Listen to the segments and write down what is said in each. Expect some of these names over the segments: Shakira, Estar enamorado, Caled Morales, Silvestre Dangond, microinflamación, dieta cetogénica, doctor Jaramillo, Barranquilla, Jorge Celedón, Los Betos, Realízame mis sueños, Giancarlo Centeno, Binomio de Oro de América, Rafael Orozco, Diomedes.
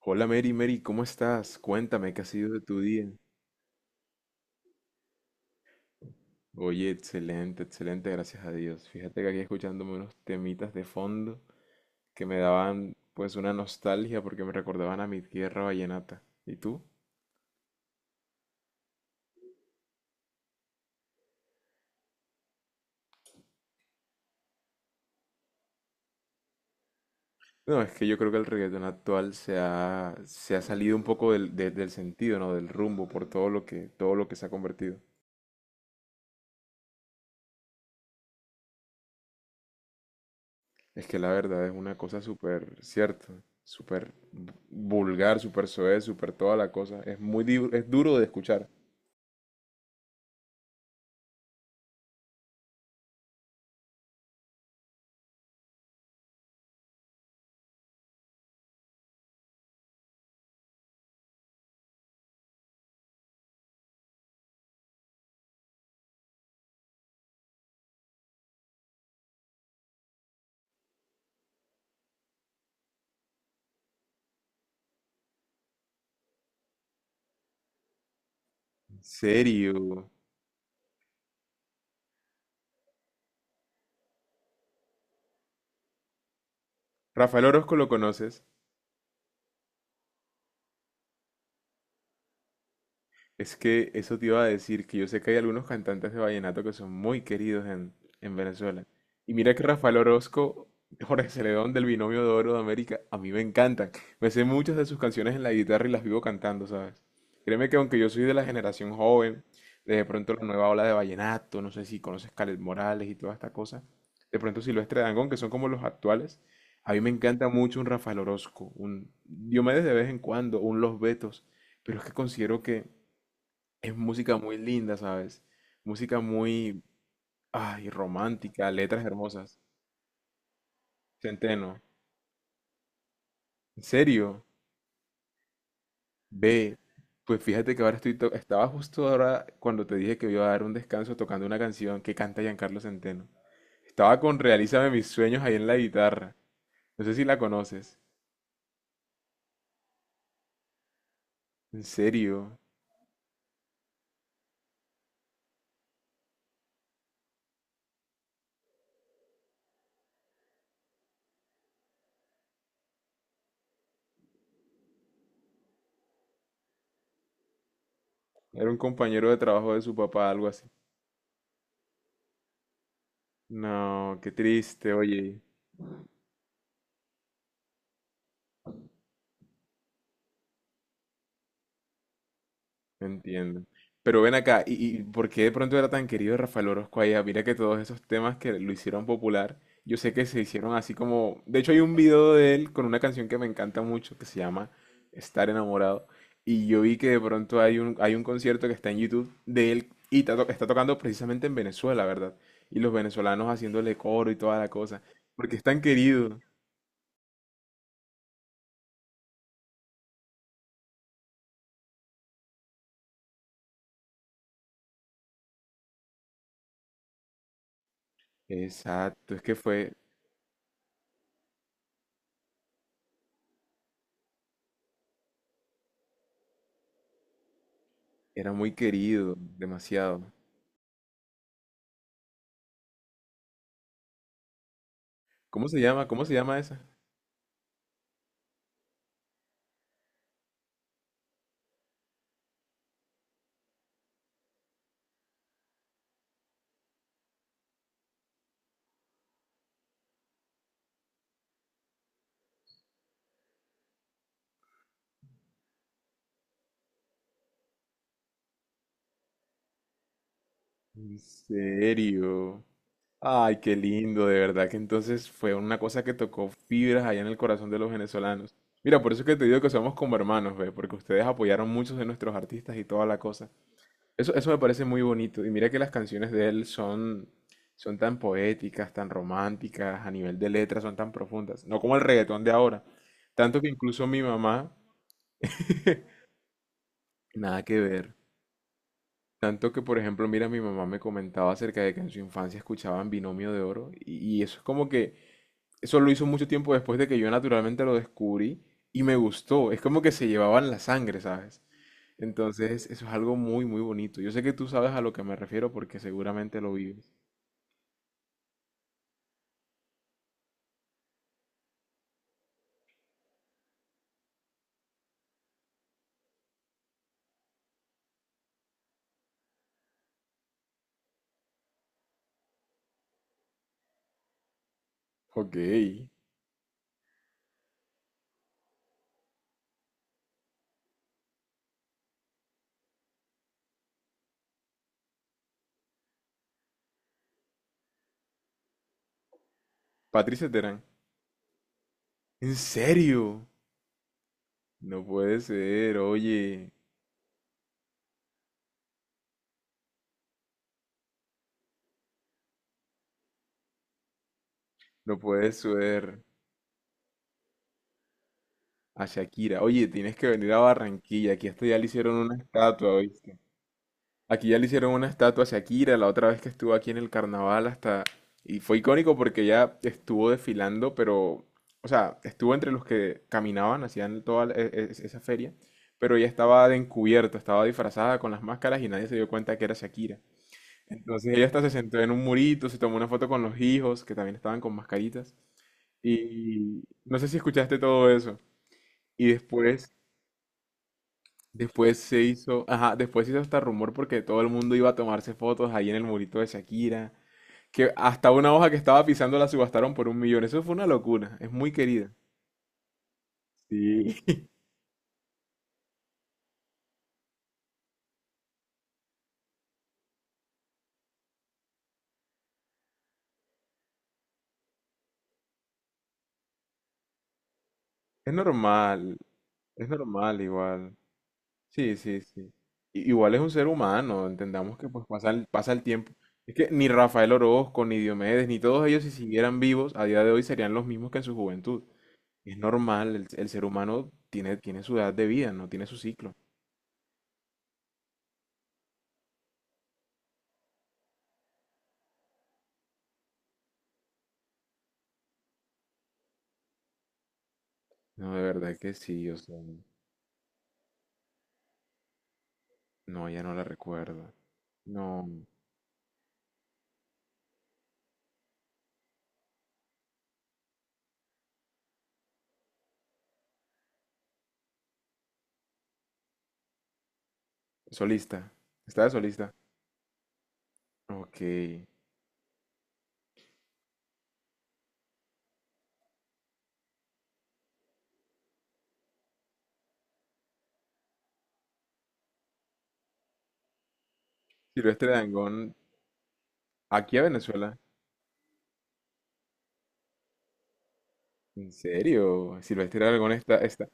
Hola Mary, Mary, ¿cómo estás? Cuéntame, ¿qué ha sido de tu día? Oye, excelente, excelente, gracias a Dios. Fíjate que aquí escuchándome unos temitas de fondo que me daban pues una nostalgia porque me recordaban a mi tierra vallenata. ¿Y tú? No, es que yo creo que el reggaetón actual se ha salido un poco del sentido, ¿no? Del rumbo por todo lo que se ha convertido. Es que la verdad es una cosa súper cierta, súper vulgar, súper soez, súper toda la cosa. Es muy, es duro de escuchar. Serio. Rafael Orozco lo conoces. Es que eso te iba a decir, que yo sé que hay algunos cantantes de vallenato que son muy queridos en Venezuela. Y mira que Rafael Orozco, Jorge Celedón del Binomio de Oro de América, a mí me encantan. Me sé muchas de sus canciones en la guitarra y las vivo cantando, ¿sabes? Créeme que aunque yo soy de la generación joven, de pronto la nueva ola de vallenato, no sé si conoces Caled Morales y toda esta cosa, de pronto Silvestre Dangond, que son como los actuales, a mí me encanta mucho un Rafael Orozco, un Diomedes de vez en cuando, un Los Betos, pero es que considero que es música muy linda, ¿sabes? Música muy, ay, romántica, letras hermosas. Centeno, ¿en serio? Ve, pues fíjate que ahora estaba justo ahora cuando te dije que iba a dar un descanso tocando una canción que canta Giancarlo Centeno. Estaba con Realízame mis sueños ahí en la guitarra. No sé si la conoces. ¿En serio? Era un compañero de trabajo de su papá, algo así. No, qué triste, oye. Entiendo. Pero ven acá, ¿y por qué de pronto era tan querido Rafael Orozco allá? Mira que todos esos temas que lo hicieron popular, yo sé que se hicieron así como... De hecho hay un video de él con una canción que me encanta mucho que se llama Estar enamorado. Y yo vi que de pronto hay un concierto que está en YouTube de él y está tocando precisamente en Venezuela, ¿verdad? Y los venezolanos haciéndole coro y toda la cosa. Porque es tan querido. Exacto, es que fue... Era muy querido, demasiado. ¿Cómo se llama? ¿Cómo se llama esa? ¿En serio? Ay, qué lindo, de verdad que entonces fue una cosa que tocó fibras allá en el corazón de los venezolanos. Mira, por eso es que te digo que somos como hermanos, ve, porque ustedes apoyaron muchos de nuestros artistas y toda la cosa. Eso me parece muy bonito. Y mira que las canciones de él son tan poéticas, tan románticas, a nivel de letras son tan profundas. No como el reggaetón de ahora. Tanto que incluso mi mamá, nada que ver. Tanto que, por ejemplo, mira, mi mamá me comentaba acerca de que en su infancia escuchaban Binomio de Oro y eso es como que, eso lo hizo mucho tiempo después de que yo naturalmente lo descubrí y me gustó, es como que se llevaban la sangre, ¿sabes? Entonces, eso es algo muy, muy bonito. Yo sé que tú sabes a lo que me refiero porque seguramente lo vives. Ok. Patricia Terán. ¿En serio? No puede ser, oye. No puede ser. A Shakira. Oye, tienes que venir a Barranquilla. Aquí hasta ya le hicieron una estatua, ¿oíste? Aquí ya le hicieron una estatua a Shakira la otra vez que estuvo aquí en el carnaval hasta... Y fue icónico porque ya estuvo desfilando, pero... O sea, estuvo entre los que caminaban, hacían toda la- e- e- esa feria, pero ella estaba de encubierta, estaba disfrazada con las máscaras y nadie se dio cuenta que era Shakira. Entonces ella hasta se sentó en un murito, se tomó una foto con los hijos, que también estaban con mascaritas. Y no sé si escuchaste todo eso. Y después... Después se hizo, ajá, después se hizo hasta rumor porque todo el mundo iba a tomarse fotos ahí en el murito de Shakira, que hasta una hoja que estaba pisando la subastaron por un millón. Eso fue una locura, es muy querida. Sí. Es normal, es normal igual. Sí, sí, sí. Igual es un ser humano, entendamos que pues pasa pasa el tiempo. Es que ni Rafael Orozco, ni Diomedes, ni todos ellos si siguieran vivos a día de hoy serían los mismos que en su juventud. Es normal, el ser humano tiene su edad de vida, no tiene su ciclo. No, de verdad que sí, o sea, no, ya no la recuerdo. No, solista, estaba de solista. Ok, Silvestre Dangond, aquí a Venezuela. ¿En serio? Silvestre Dangond está,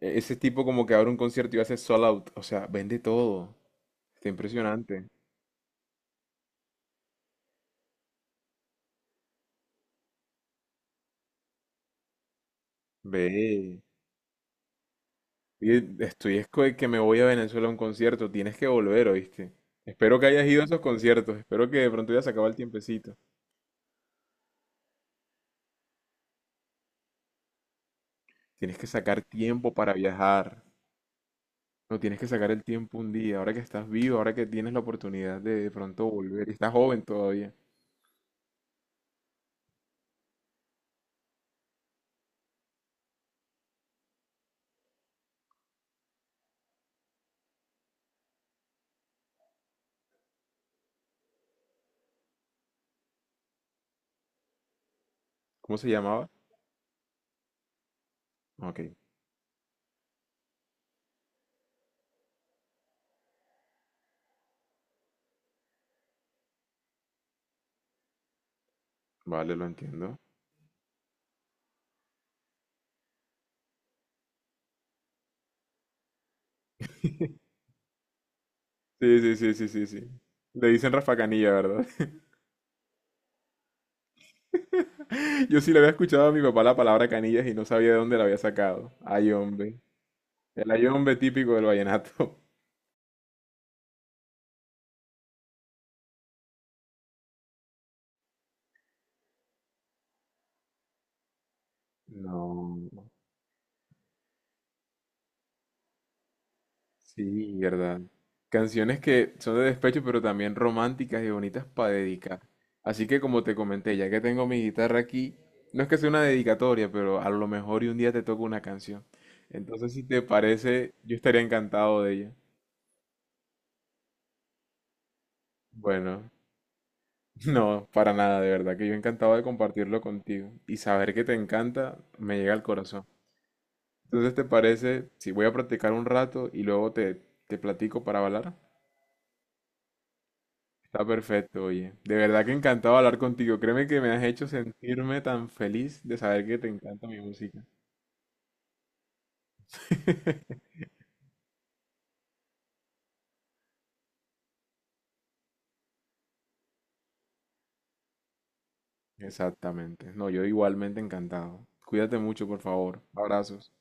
ese tipo como que abre un concierto y hace sold out, o sea, vende todo. Está impresionante. Ve, oye, que me voy a Venezuela a un concierto, tienes que volver, ¿oíste? Espero que hayas ido a esos conciertos, espero que de pronto ya se acaba el tiempecito. Tienes que sacar tiempo para viajar. No tienes que sacar el tiempo un día, ahora que estás vivo, ahora que tienes la oportunidad de pronto volver. Y estás joven todavía. ¿Cómo se llamaba? Ok, vale, lo entiendo. Sí, sí, sí, sí, sí, sí. Le dicen Rafa Canilla, ¿verdad? Yo sí le había escuchado a mi papá la palabra canillas y no sabía de dónde la había sacado. Ay, hombre. El ay, hombre típico del vallenato. No. Sí, verdad. Canciones que son de despecho, pero también románticas y bonitas para dedicar. Así que como te comenté, ya que tengo mi guitarra aquí, no es que sea una dedicatoria, pero a lo mejor y un día te toco una canción. Entonces, si te parece, yo estaría encantado de ella. Bueno, no, para nada, de verdad, que yo encantado de compartirlo contigo. Y saber que te encanta me llega al corazón. Entonces, ¿te parece si voy a practicar un rato y luego te platico para bailar? Está perfecto, oye. De verdad que encantado hablar contigo. Créeme que me has hecho sentirme tan feliz de saber que te encanta mi música. Exactamente. No, yo igualmente encantado. Cuídate mucho, por favor. Abrazos.